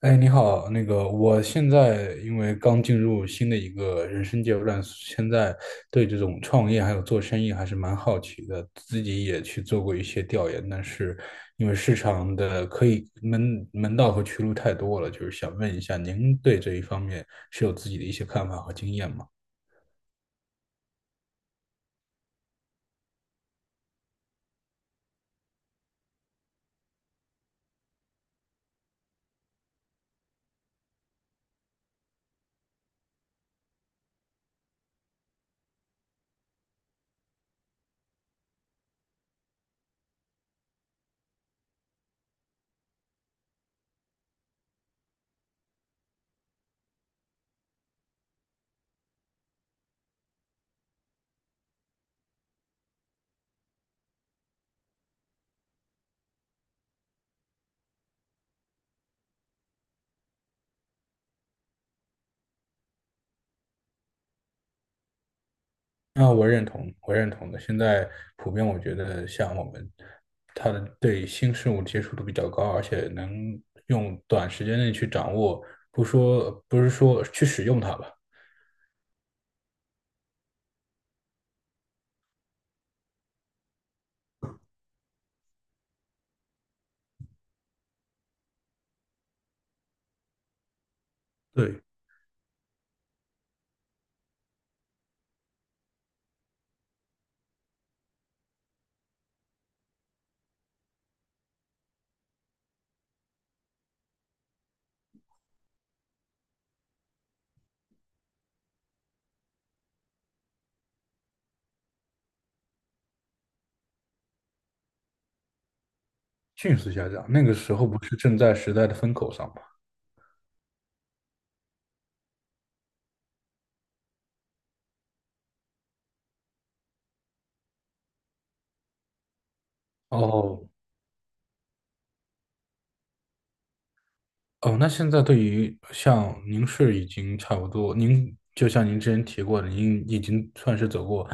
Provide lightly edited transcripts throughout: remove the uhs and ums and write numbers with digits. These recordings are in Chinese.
哎，你好，那个，我现在因为刚进入新的一个人生阶段，现在对这种创业还有做生意还是蛮好奇的，自己也去做过一些调研，但是因为市场的可以门道和渠路太多了，就是想问一下，您对这一方面是有自己的一些看法和经验吗？那我认同，我认同的。现在普遍我觉得，像我们，他的对新事物接触度比较高，而且能用短时间内去掌握，不是说去使用它吧。对，迅速下降。那个时候不是正在时代的风口上吗？哦。哦，那现在对于像您是已经差不多，您就像您之前提过的，您已经算是走过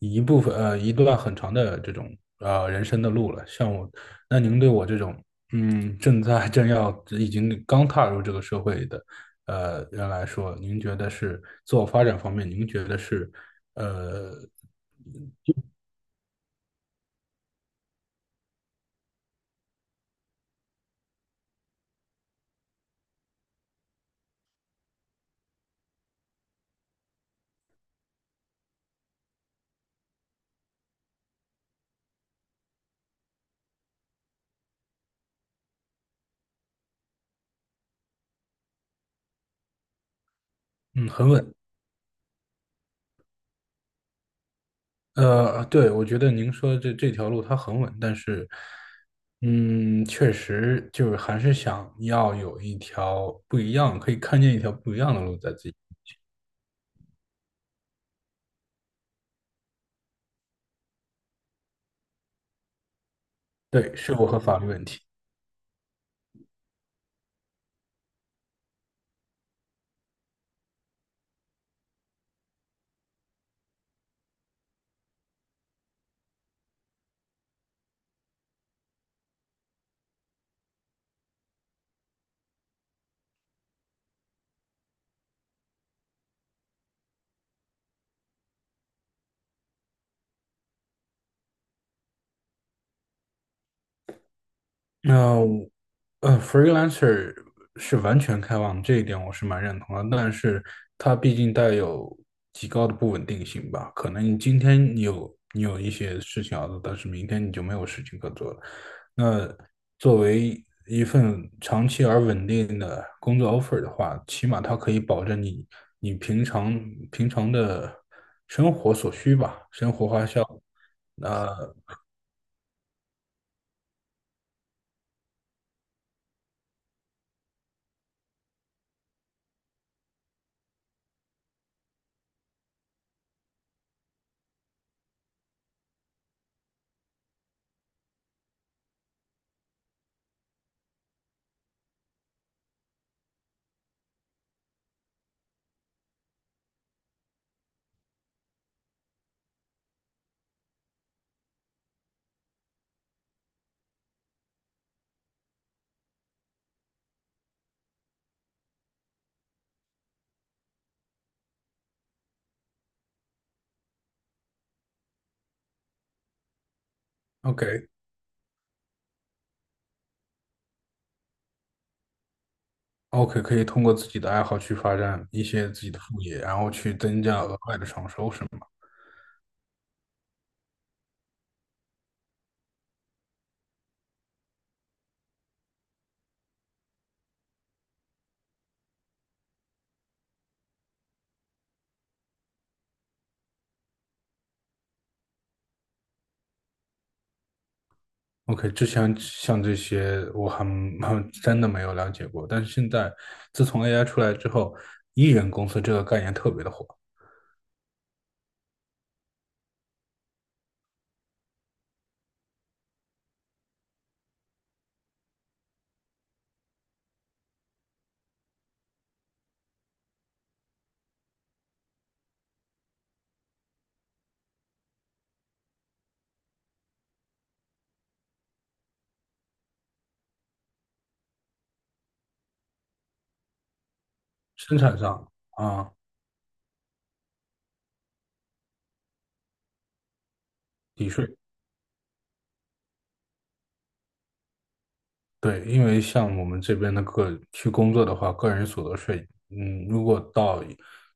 一部分呃一段很长的这种人生的路了。像我，那您对我这种嗯正在正要已经刚踏入这个社会的人来说，您觉得是自我发展方面，您觉得是呃嗯很稳。对，我觉得您说的这条路它很稳，但是，嗯，确实就是还是想要有一条不一样，可以看见一条不一样的路在自己。对，是否和法律问题。那我freelancer 是完全开放，这一点我是蛮认同的，但是它毕竟带有极高的不稳定性吧。可能你今天你有一些事情要做，但是明天你就没有事情可做了。那作为一份长期而稳定的工作 offer 的话，起码它可以保证你平常的生活所需吧，生活花销。OK。OK，可以通过自己的爱好去发展一些自己的副业，然后去增加额外的创收，是吗？OK，之前像这些我还真的没有了解过，但是现在自从 AI 出来之后，艺人公司这个概念特别的火。生产上啊，抵税。对，因为像我们这边的个去工作的话，个人所得税，嗯，如果到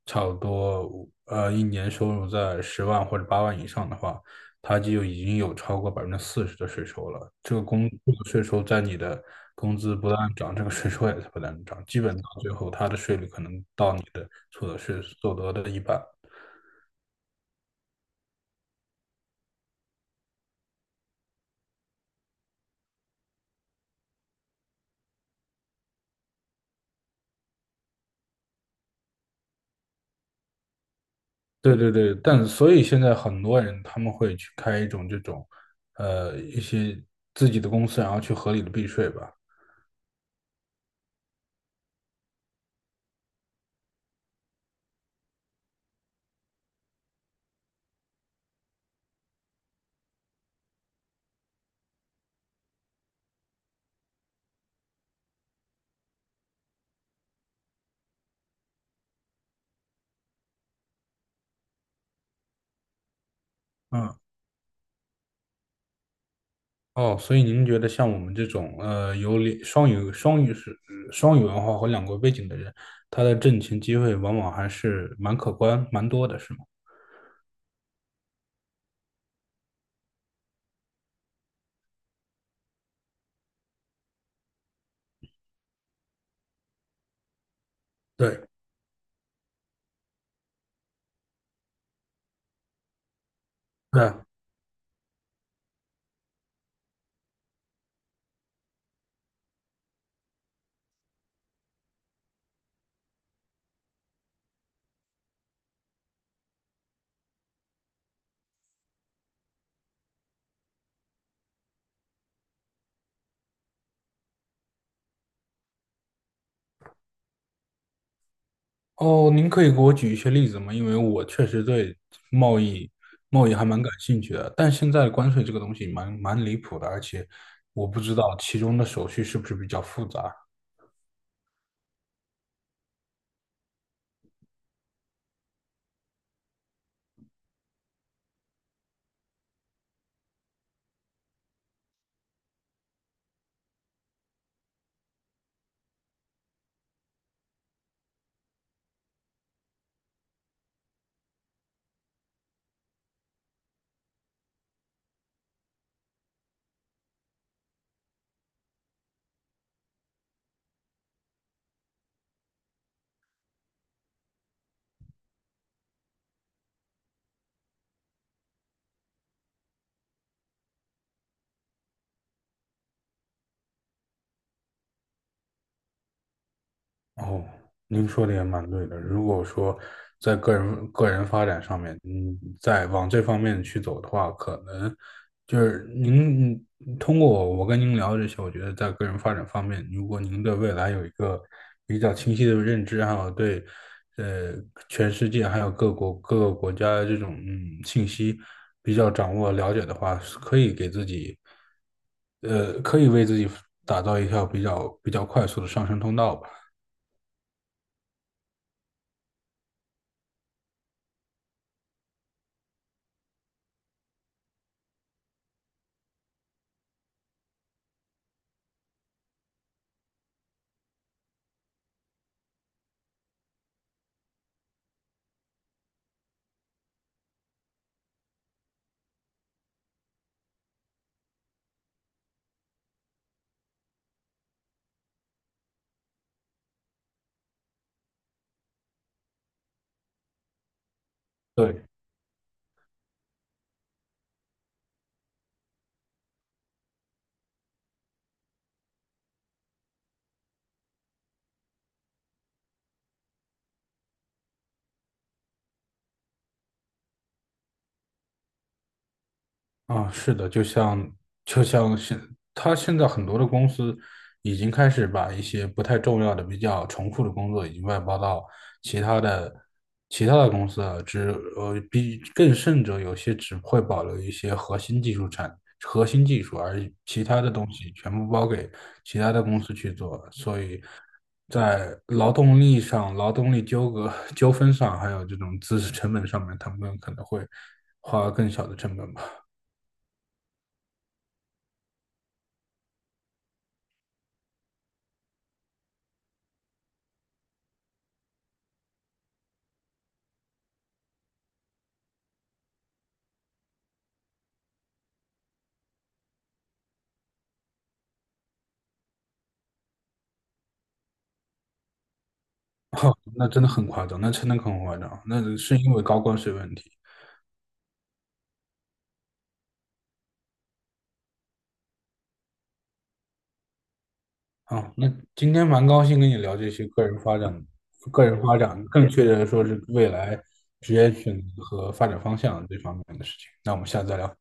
差不多一年收入在10万或者8万以上的话，它就已经有超过40%的税收了。这个工这个税收在你的工资不断涨，这个税收也在不断涨，基本到最后它的税率可能到你的所得税所得的一半。对对对，但所以现在很多人他们会去开一种这种，呃，一些自己的公司，然后去合理的避税吧。嗯。哦，所以您觉得像我们这种呃有两双语双语是双语文化和两国背景的人，他的挣钱机会往往还是蛮可观、蛮多的，是吗？对。对啊。哦，您可以给我举一些例子吗？因为我确实对贸易贸易还蛮感兴趣的，但现在关税这个东西蛮离谱的，而且我不知道其中的手续是不是比较复杂。哦，您说的也蛮对的。如果说在个人发展上面，嗯，在往这方面去走的话，可能就是您通过我跟您聊这些，我觉得在个人发展方面，如果您对未来有一个比较清晰的认知，还有对呃全世界还有各个国家这种信息比较掌握了解的话，是可以给自己呃可以为自己打造一条比较快速的上升通道吧。对。啊，是的，就像他现在很多的公司已经开始把一些不太重要的、比较重复的工作已经外包到其他的公司了，比更甚者，有些只会保留一些核心技术，而其他的东西全部包给其他的公司去做，所以在劳动力上、劳动力纠葛 纠纷上，还有这种知识成本上面，他们可能会花更小的成本吧。哦，那真的很夸张，那真的很夸张，那是因为高关税问题。哦，那今天蛮高兴跟你聊这些个人发展、个人发展，更确切的说是未来职业选择和发展方向这方面的事情。那我们下次再聊。